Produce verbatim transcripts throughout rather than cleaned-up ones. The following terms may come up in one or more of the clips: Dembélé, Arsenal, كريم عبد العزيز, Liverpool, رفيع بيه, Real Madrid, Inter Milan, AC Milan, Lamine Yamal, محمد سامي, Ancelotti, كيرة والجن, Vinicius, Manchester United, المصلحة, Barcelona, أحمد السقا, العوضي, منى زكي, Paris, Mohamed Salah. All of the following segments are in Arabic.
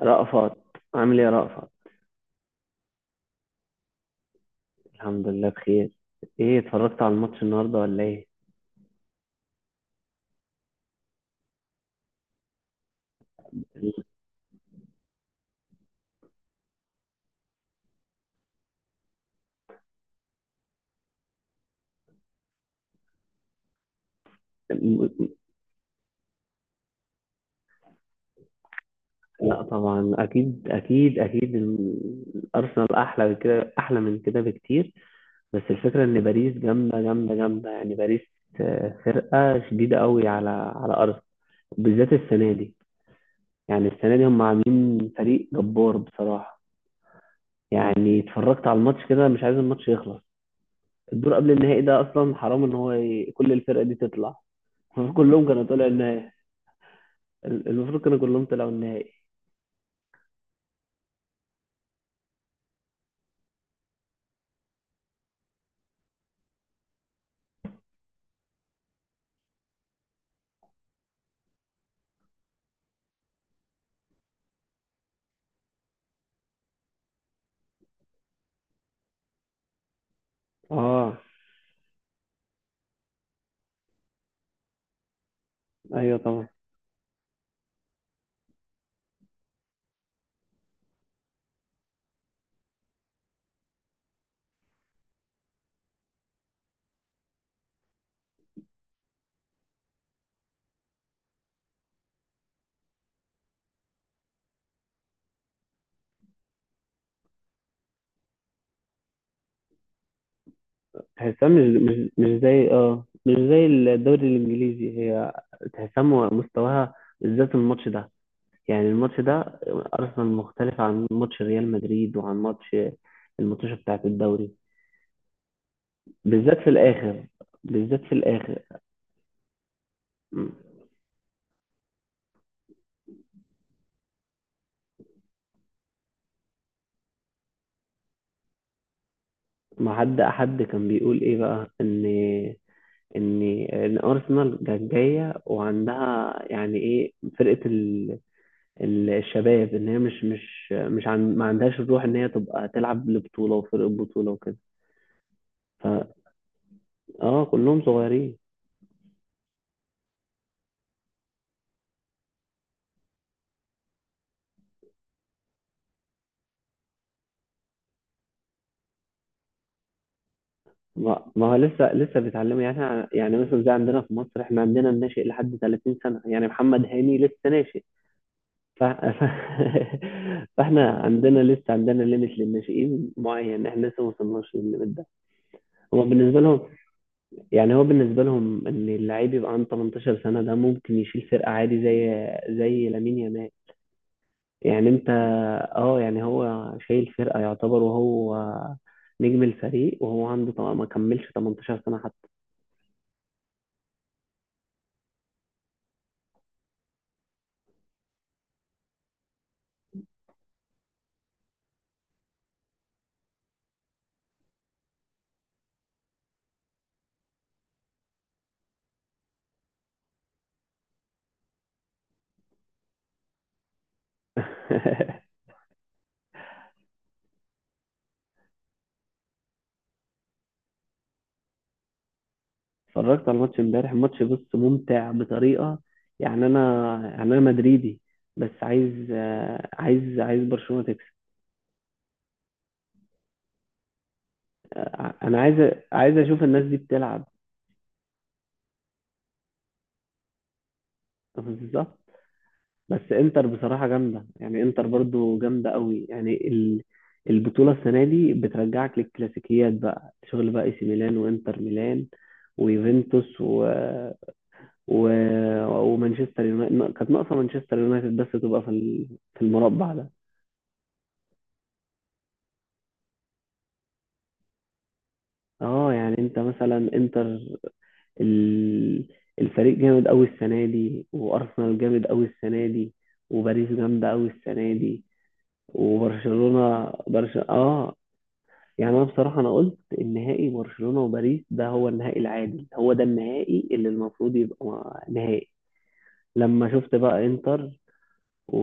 رأفت، عامل ايه يا رأفت؟ الحمد لله بخير. ايه، اتفرجت على الماتش النهارده ولا ايه؟ لا طبعا، اكيد اكيد اكيد ال- الارسنال احلى من كده، احلى من كده بكتير. بس الفكره ان باريس جامده جامده جامده، يعني باريس آه، فرقه شديده قوي على على ارسنال، بالذات السنه دي. يعني السنه دي هم عاملين فريق جبار بصراحه. يعني اتفرجت على الماتش كده مش عايز الماتش يخلص. الدور قبل النهائي ده اصلا حرام ان هو ي- كل الفرق دي تطلع. المفروض كلهم كانوا طلعوا النهائي. ال- المفروض كانوا كلهم طلعوا النهائي. اه، ايوه طبعا. تحسها مش مش مش زي اه مش زي الدوري الانجليزي، هي تحسها م- مستواها، بالذات الماتش ده. يعني الماتش ده، ارسنال مختلف عن ماتش ريال مدريد وعن ماتش، الماتشات بتاعت الدوري. بالذات في الاخر، بالذات في الاخر. م- ما حد حد كان بيقول ايه بقى ان ان ان ارسنال كانت جايه وعندها، يعني ايه، فرقه ال- الشباب، ان هي مش مش مش عن ما عندهاش الروح ان هي تبقى تلعب لبطوله وفرق بطوله وكده. ف اه، كلهم صغيرين. ما ما هو لسه لسه بيتعلموا يعني. إحنا- يعني مثلا زي عندنا في مصر، احنا عندنا الناشئ لحد ثلاثين سنه، يعني محمد هاني لسه ناشئ. ف... ف... فاحنا عندنا لسه عندنا ليميت للناشئين معين، احنا لسه ما وصلناش للليميت ده. هو بالنسبه لهم، يعني هو بالنسبه لهم ان اللعيب يبقى عنده تمنتاشر سنه، ده ممكن يشيل فرقه عادي زي زي لامين يامال. يعني انت اه يعني هو شايل فرقة يعتبر، وهو نجم الفريق، وهو عنده طبعا ما كملش تمنتاشر سنة حتى. اتفرجت على الماتش امبارح، الماتش بص ممتع بطريقة. يعني انا يعني انا مدريدي، بس عايز آه، عايز عايز برشلونة تكسب. آه، انا عايز عايز اشوف الناس دي بتلعب. بالظبط. بس انتر بصراحة جامدة، يعني انتر برضو جامدة قوي. يعني ال- البطولة السنة دي بترجعك للكلاسيكيات، بقى شغل بقى اي سي ميلان وانتر ميلان ويوفنتوس و... و... ومانشستر يونايتد كانت ناقصة، مانشستر يونايتد بس تبقى في ال- في المربع ده. اه، يعني انت مثلا انتر. ال... الفريق جامد قوي السنة دي، وارسنال جامد قوي السنة دي، وباريس جامدة قوي السنة دي، وبرشلونة. برش... اه يعني انا بصراحه، انا قلت النهائي برشلونه وباريس، ده هو النهائي العادل، هو ده النهائي اللي المفروض يبقى. م- نهائي. لما شفت بقى انتر و...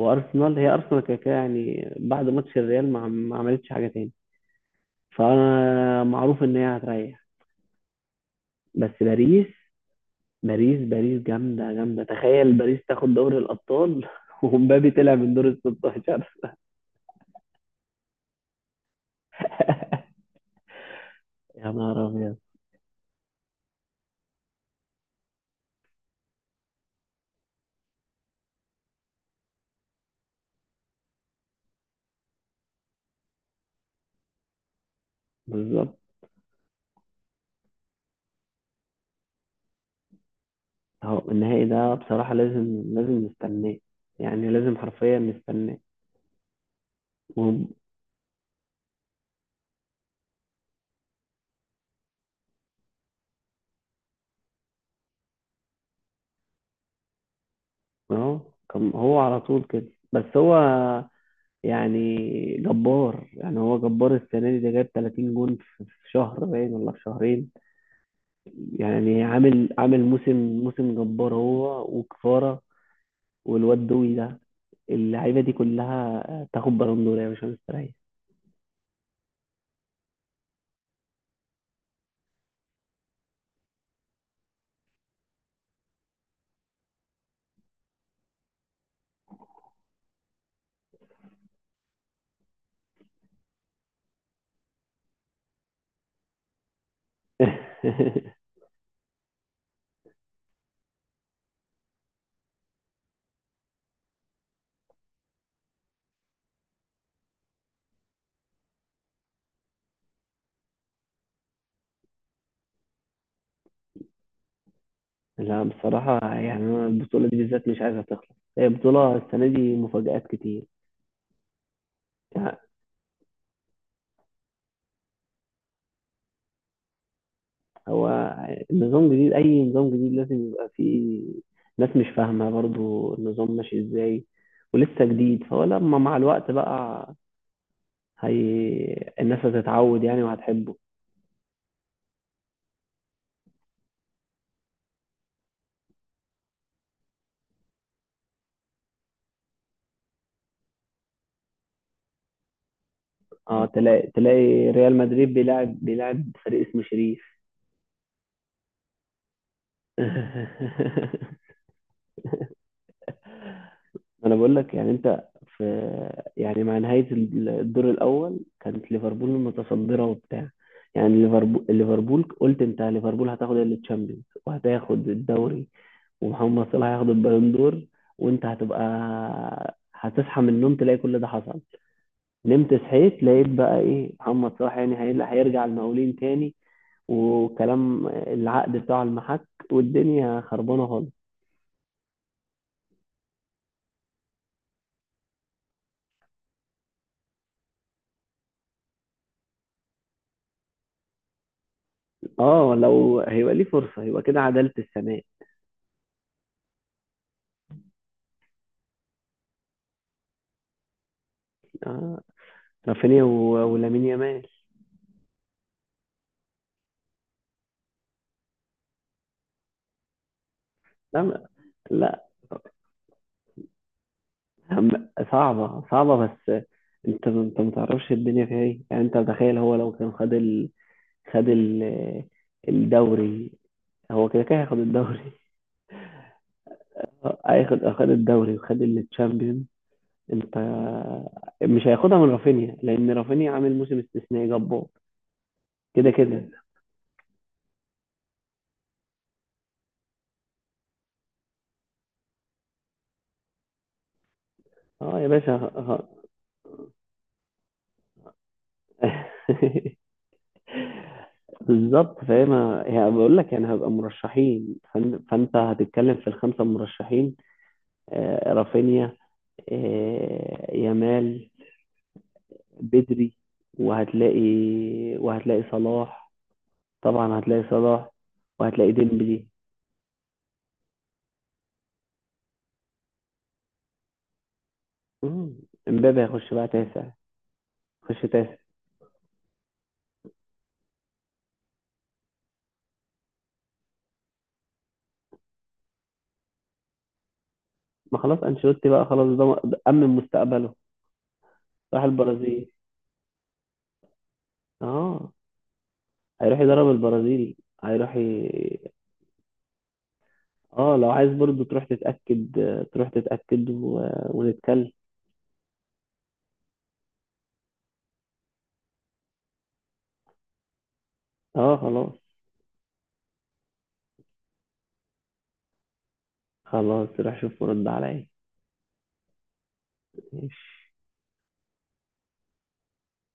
وارسنال، هي ارسنال كده كده، يعني بعد ماتش الريال ما, ما عملتش حاجه تاني، فانا معروف ان هي هتريح. بس باريس، باريس باريس جامده جامده، تخيل باريس تاخد دوري الابطال. ومبابي طلع من دور ال ستاشر. يا نهار ابيض، بالظبط. اهو النهائي ده بصراحة لازم لازم نستناه، يعني لازم حرفيا نستناه. وهم- اهو كان هو على طول كده، بس هو يعني جبار، يعني هو جبار السنة دي، ده جاب تلاتين جون في في شهر باين ولا في شهرين. يعني عامل عامل موسم، موسم جبار هو، وكفارة. والواد دوي ده، اللعيبة دي كلها آه، تاخد بالون دور يا باشا، مستريح. لا، بصراحة يعني أنا البطولة دي بالذات مش عايزها تخلص، هي بطولة السنة دي مفاجآت كتير. يعني هو النظام جديد، أي نظام جديد لازم يبقى فيه ناس مش فاهمة برضو النظام ماشي إزاي، ولسه جديد. فهو لما مع الوقت بقى، هي الناس هتتعود يعني، وهتحبه. اه، تلاقي تلاقي ريال مدريد بيلعب بيلعب فريق اسمه شريف. ما انا بقول لك، يعني انت في يعني مع نهاية الدور الاول كانت ليفربول متصدرة وبتاع. يعني ليفربول ليفربول قلت انت ليفربول هتاخد التشامبيونز وهتاخد الدوري، ومحمد صلاح هياخد البالون دور، وانت هتبقى هتصحى من النوم تلاقي كل ده حصل. نمت صحيت لقيت بقى ايه، محمد صلاح يعني هي- هيرجع المقاولين تاني، وكلام العقد بتاعه المحك، والدنيا خربانه خالص. اه، لو هيبقى ليه فرصه يبقى كده عداله السنه. آه، رافينيا و- ولامين يامال. لا، ما- لا، هم- صعبة صعبة. بس انت انت ما تعرفش الدنيا فيها ايه، يعني انت تخيل، هو لو كان خد ال... خد ال... الدوري، هو كده كده هياخد الدوري. اه، هياخد خد الدوري وخد التشامبيون، انت مش هياخدها من رافينيا، لان رافينيا عامل موسم استثنائي جبار. كده كده، اه يا باشا، اه. بالضبط، فهي ما هي باقول لك، يعني هيبقى مرشحين، فأن فأنت هتتكلم في الخمسة مرشحين، آآ رافينيا، آآ يامال، بدري، وهتلاقي وهتلاقي صلاح، طبعًا هتلاقي صلاح، وهتلاقي ديمبلي، إمم، إمبابي هيخش بقى تاسع، هيخش تاسع. ما خلاص، أنشيلوتي بقى خلاص، ده م أمِّن مستقبله، راح البرازيل. آه، هيروح يدرب البرازيل. هيروح ي اه لو عايز برضو تروح تتأكد، آه، تروح تتأكد و... ونتكلم. اه، خلاص خلاص، روح شوف ورد عليا. ماشي.